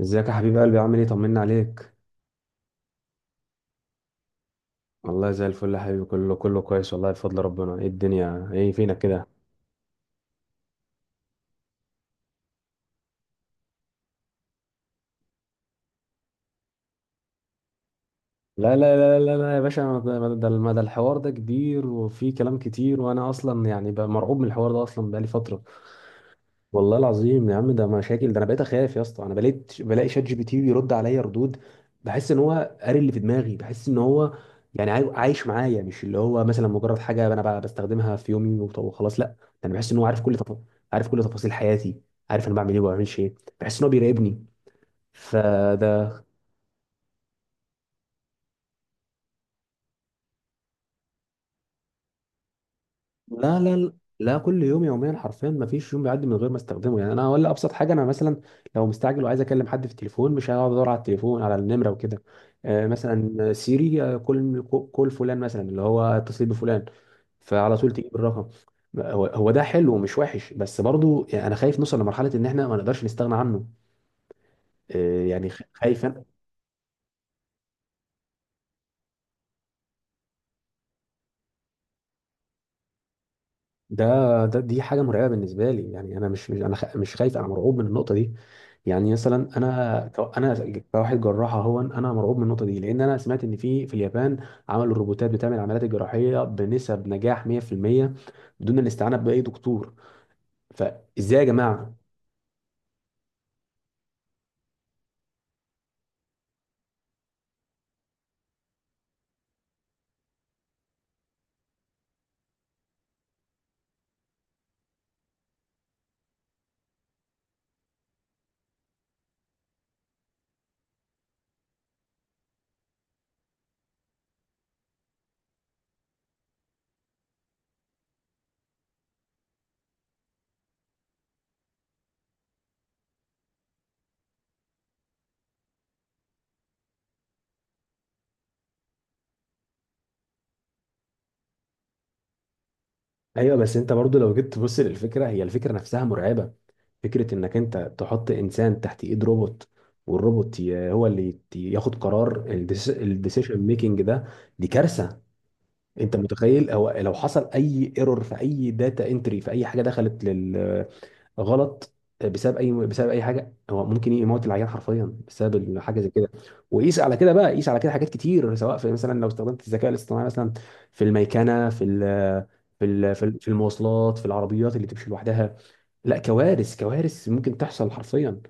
ازيك يا حبيب قلبي؟ عامل ايه؟ طمنا عليك. والله زي الفل يا حبيبي، كله كله كويس والله بفضل ربنا. ايه الدنيا؟ ايه فينك كده؟ لا لا لا لا لا يا باشا، ما ده الحوار ده كبير وفيه كلام كتير، وانا اصلا يعني بقى مرعوب من الحوار ده اصلا بقالي فترة. والله العظيم يا عم، ده مشاكل. ده انا بقيت اخاف يا اسطى. انا بقيت بلاقي شات جي بي تي بيرد عليا ردود، بحس ان هو قاري اللي في دماغي. بحس ان هو يعني عايش معايا، مش اللي هو مثلا مجرد حاجه انا بستخدمها في يومي وخلاص. لا ده انا بحس ان هو عارف كل تفاصيل حياتي، عارف انا بعمل ايه وما بعملش ايه. بحس ان هو بيراقبني، فده. لا لا لا، لا كل يوم، يوميا حرفيا. ما فيش يوم بيعدي من غير ما استخدمه. يعني انا ولا ابسط حاجه، انا مثلا لو مستعجل وعايز اكلم حد في التليفون، مش هقعد ادور على التليفون على النمره وكده. مثلا سيري، كل فلان مثلا اللي هو اتصل بفلان، فعلى طول تجيب الرقم. هو ده حلو ومش وحش، بس برضو يعني انا خايف نوصل لمرحله ان احنا ما نقدرش نستغنى عنه. يعني خايف أنا. ده ده دي حاجه مرعبه بالنسبه لي. يعني انا مش خايف، انا مرعوب من النقطه دي. يعني مثلا انا كواحد جراح، اهو انا مرعوب من النقطه دي. لان انا سمعت ان في اليابان عملوا الروبوتات بتعمل العمليات الجراحيه بنسب نجاح 100% بدون الاستعانه باي دكتور. فازاي يا جماعه؟ ايوه، بس انت برضو لو جيت تبص للفكره، هي الفكره نفسها مرعبه. فكره انك انت تحط انسان تحت ايد روبوت، والروبوت هو اللي ياخد قرار. الديسيشن ميكنج ده دي كارثه. انت متخيل هو لو حصل اي ايرور في اي داتا انتري، في اي حاجه دخلت لل غلط، بسبب اي حاجه، هو ممكن يموت العيان حرفيا بسبب حاجه زي كده. وقيس على كده بقى، قيس على كده حاجات كتير، سواء في مثلا لو استخدمت الذكاء الاصطناعي مثلا في الميكنه، في المواصلات، في العربيات اللي تمشي لوحدها. لا، كوارث كوارث ممكن تحصل حرفيا.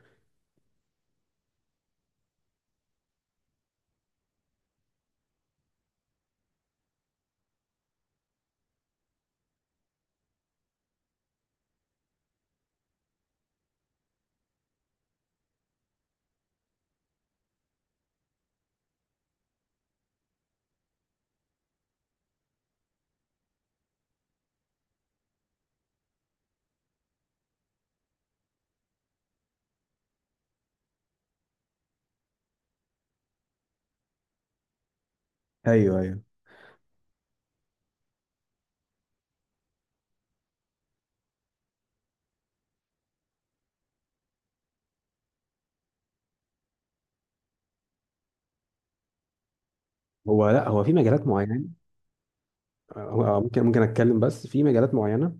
ايوه ايوه. هو لا هو في مجالات معينه، ممكن اتكلم. بس في مجالات معينه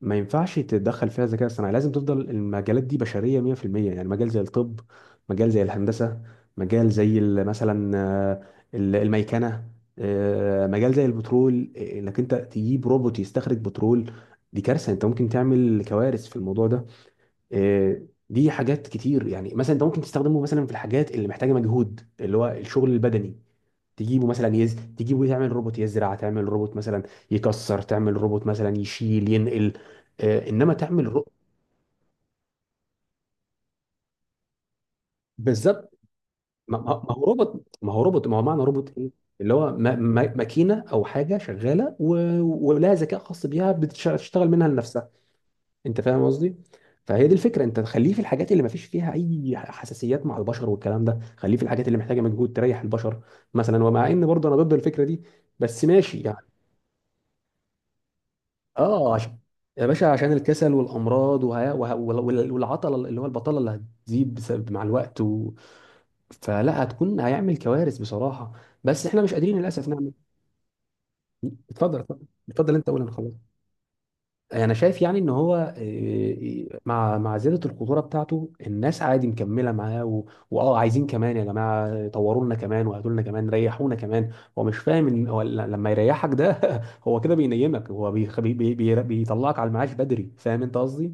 ما ينفعش تتدخل فيها الذكاء الصناعي، لازم تفضل المجالات دي بشرية 100%. يعني مجال زي الطب، مجال زي الهندسة، مجال زي مثلا الميكنة. مجال زي البترول، انك انت تجيب روبوت يستخرج بترول، دي كارثة. انت ممكن تعمل كوارث في الموضوع ده. دي حاجات كتير، يعني مثلا انت ممكن تستخدمه مثلا في الحاجات اللي محتاجه مجهود، اللي هو الشغل البدني. تجيبه مثلا تجيبه تعمل روبوت يزرع، تعمل روبوت مثلا يكسر، تعمل روبوت مثلا يشيل ينقل. انما تعمل رو. بالظبط. ما هو معنى روبوت ايه؟ اللي هو ما... ما... ماكينه او حاجه شغاله، ولها ذكاء خاص بيها بتشتغل منها لنفسها. انت فاهم قصدي؟ فهي دي الفكره، انت تخليه في الحاجات اللي ما فيش فيها اي حساسيات مع البشر والكلام ده. خليه في الحاجات اللي محتاجه مجهود تريح البشر مثلا. ومع ان برضه انا ضد الفكره دي، بس ماشي يعني. اه، عشان، يا باشا عشان الكسل والامراض والعطله اللي هو البطاله اللي هتزيد بسبب مع الوقت. فلا، هتكون هيعمل كوارث بصراحه. بس احنا مش قادرين للاسف نعمل. اتفضل اتفضل اتفضل، انت قول، انا خلاص. انا شايف يعني ان هو، مع زياده الخطوره بتاعته، الناس عادي مكمله معاه. واه، عايزين كمان يا جماعه، طوروا لنا كمان وهاتوا لنا كمان، ريحونا كمان. هو مش فاهم ان هو لما يريحك ده هو كده بينيمك، هو بيخ... بي... بي... بي... بيطلعك على المعاش بدري. فاهم انت قصدي؟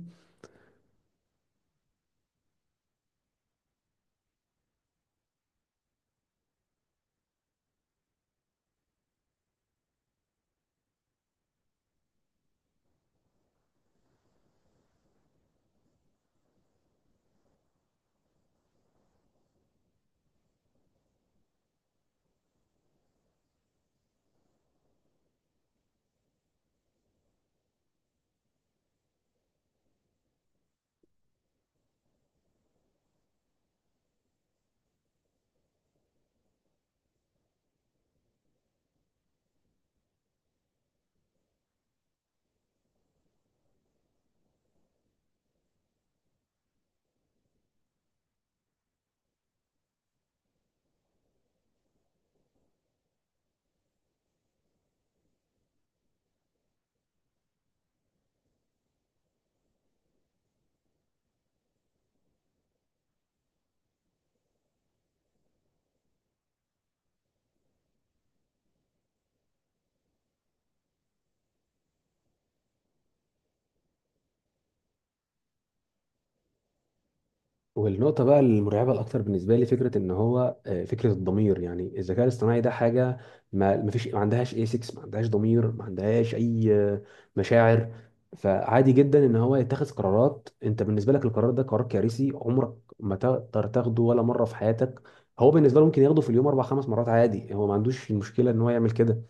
والنقطة بقى المرعبة الأكتر بالنسبة لي فكرة إن هو، فكرة الضمير. يعني الذكاء الاصطناعي ده حاجة ما عندهاش ايسكس، ما عندهاش ضمير، ما عندهاش أي مشاعر. فعادي جدا إن هو يتخذ قرارات أنت بالنسبة لك القرار ده قرار كارثي، عمرك ما تقدر تاخده ولا مرة في حياتك. هو بالنسبة له ممكن ياخده في اليوم أربع خمس مرات عادي. هو ما عندوش المشكلة إن هو يعمل كده.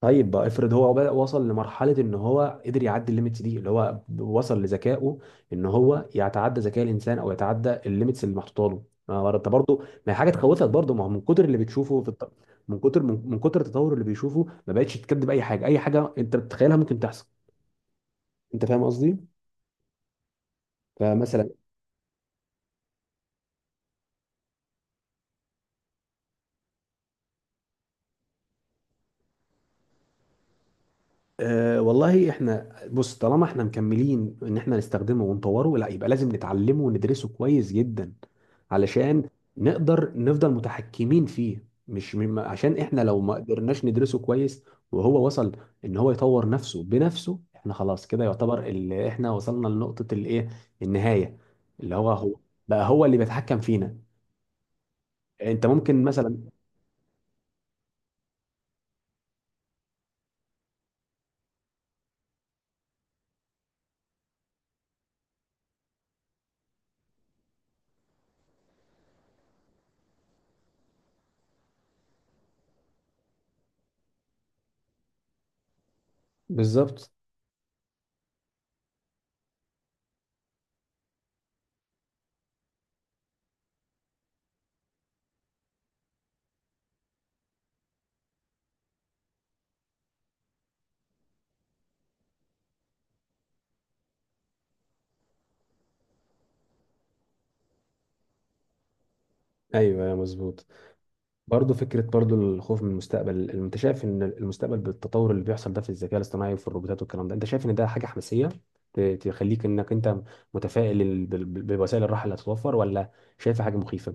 طيب بقى، افرض هو بقى وصل لمرحلة ان هو قدر يعدي الليميتس دي، اللي هو وصل لذكائه، ان هو يتعدى ذكاء الانسان او يتعدى الليميتس اللي محطوطه له. ما هو انت برضه، ما هي حاجة تخوفك برضه. ما هو من كتر اللي بتشوفه في الت... من كتر من, من كتر التطور اللي بيشوفه، ما بقتش تكذب اي حاجة، اي حاجة انت بتتخيلها ممكن تحصل. انت فاهم قصدي؟ فمثلا. أه والله، احنا بص، طالما احنا مكملين ان احنا نستخدمه ونطوره، لا يبقى لازم نتعلمه وندرسه كويس جدا علشان نقدر نفضل متحكمين فيه. مش عشان احنا لو ما قدرناش ندرسه كويس وهو وصل ان هو يطور نفسه بنفسه، احنا خلاص كده يعتبر اللي احنا وصلنا لنقطة الايه، النهاية، اللي هو بقى هو اللي بيتحكم فينا. انت ممكن مثلا. بالظبط. ايوه مظبوط. برضه فكرة، برضه الخوف من المستقبل، انت شايف ان المستقبل بالتطور اللي بيحصل ده في الذكاء الاصطناعي وفي الروبوتات والكلام ده، انت شايف ان ده حاجة حماسية تخليك انك انت متفائل بوسائل الراحة اللي هتتوفر، ولا شايفها حاجة مخيفة؟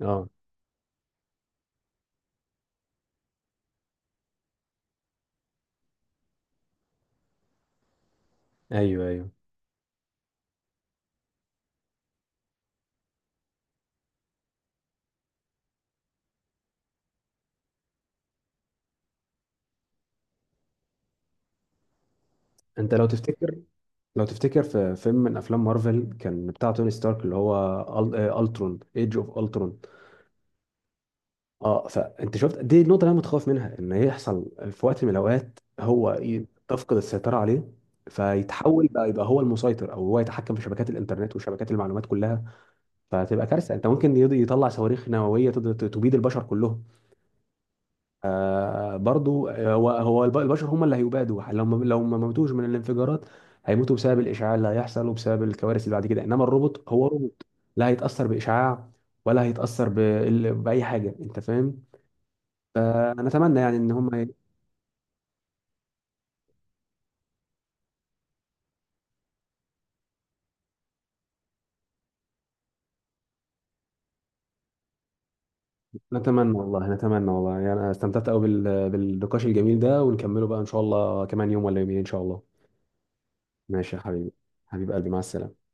اه. ايوه ايوه. انت لو تفتكر، لو تفتكر في فيلم من افلام مارفل، كان بتاع توني ستارك اللي هو الترون، ايدج اوف الترون. اه. فانت شفت، دي النقطه اللي انا متخوف منها، ان يحصل في وقت من الاوقات هو تفقد السيطره عليه، فيتحول بقى يبقى هو المسيطر، او هو يتحكم في شبكات الانترنت وشبكات المعلومات كلها. فتبقى كارثه. انت ممكن يطلع صواريخ نوويه تبيد البشر كلهم. برضو، هو البشر هم اللي هيبادوا. لو ما موتوش من الانفجارات، هيموتوا بسبب الاشعاع اللي هيحصل وبسبب الكوارث اللي بعد كده. انما الروبوت هو روبوت، لا هيتاثر باشعاع ولا هيتاثر باي حاجه. انت فاهم؟ فنتمنى يعني ان هم. نتمنى والله، نتمنى والله، يعني انا استمتعت قوي بالنقاش الجميل ده، ونكمله بقى ان شاء الله كمان يوم ولا يومين ان شاء الله. ماشي يا حبيبي. حبيب قلبي، مع السلامة.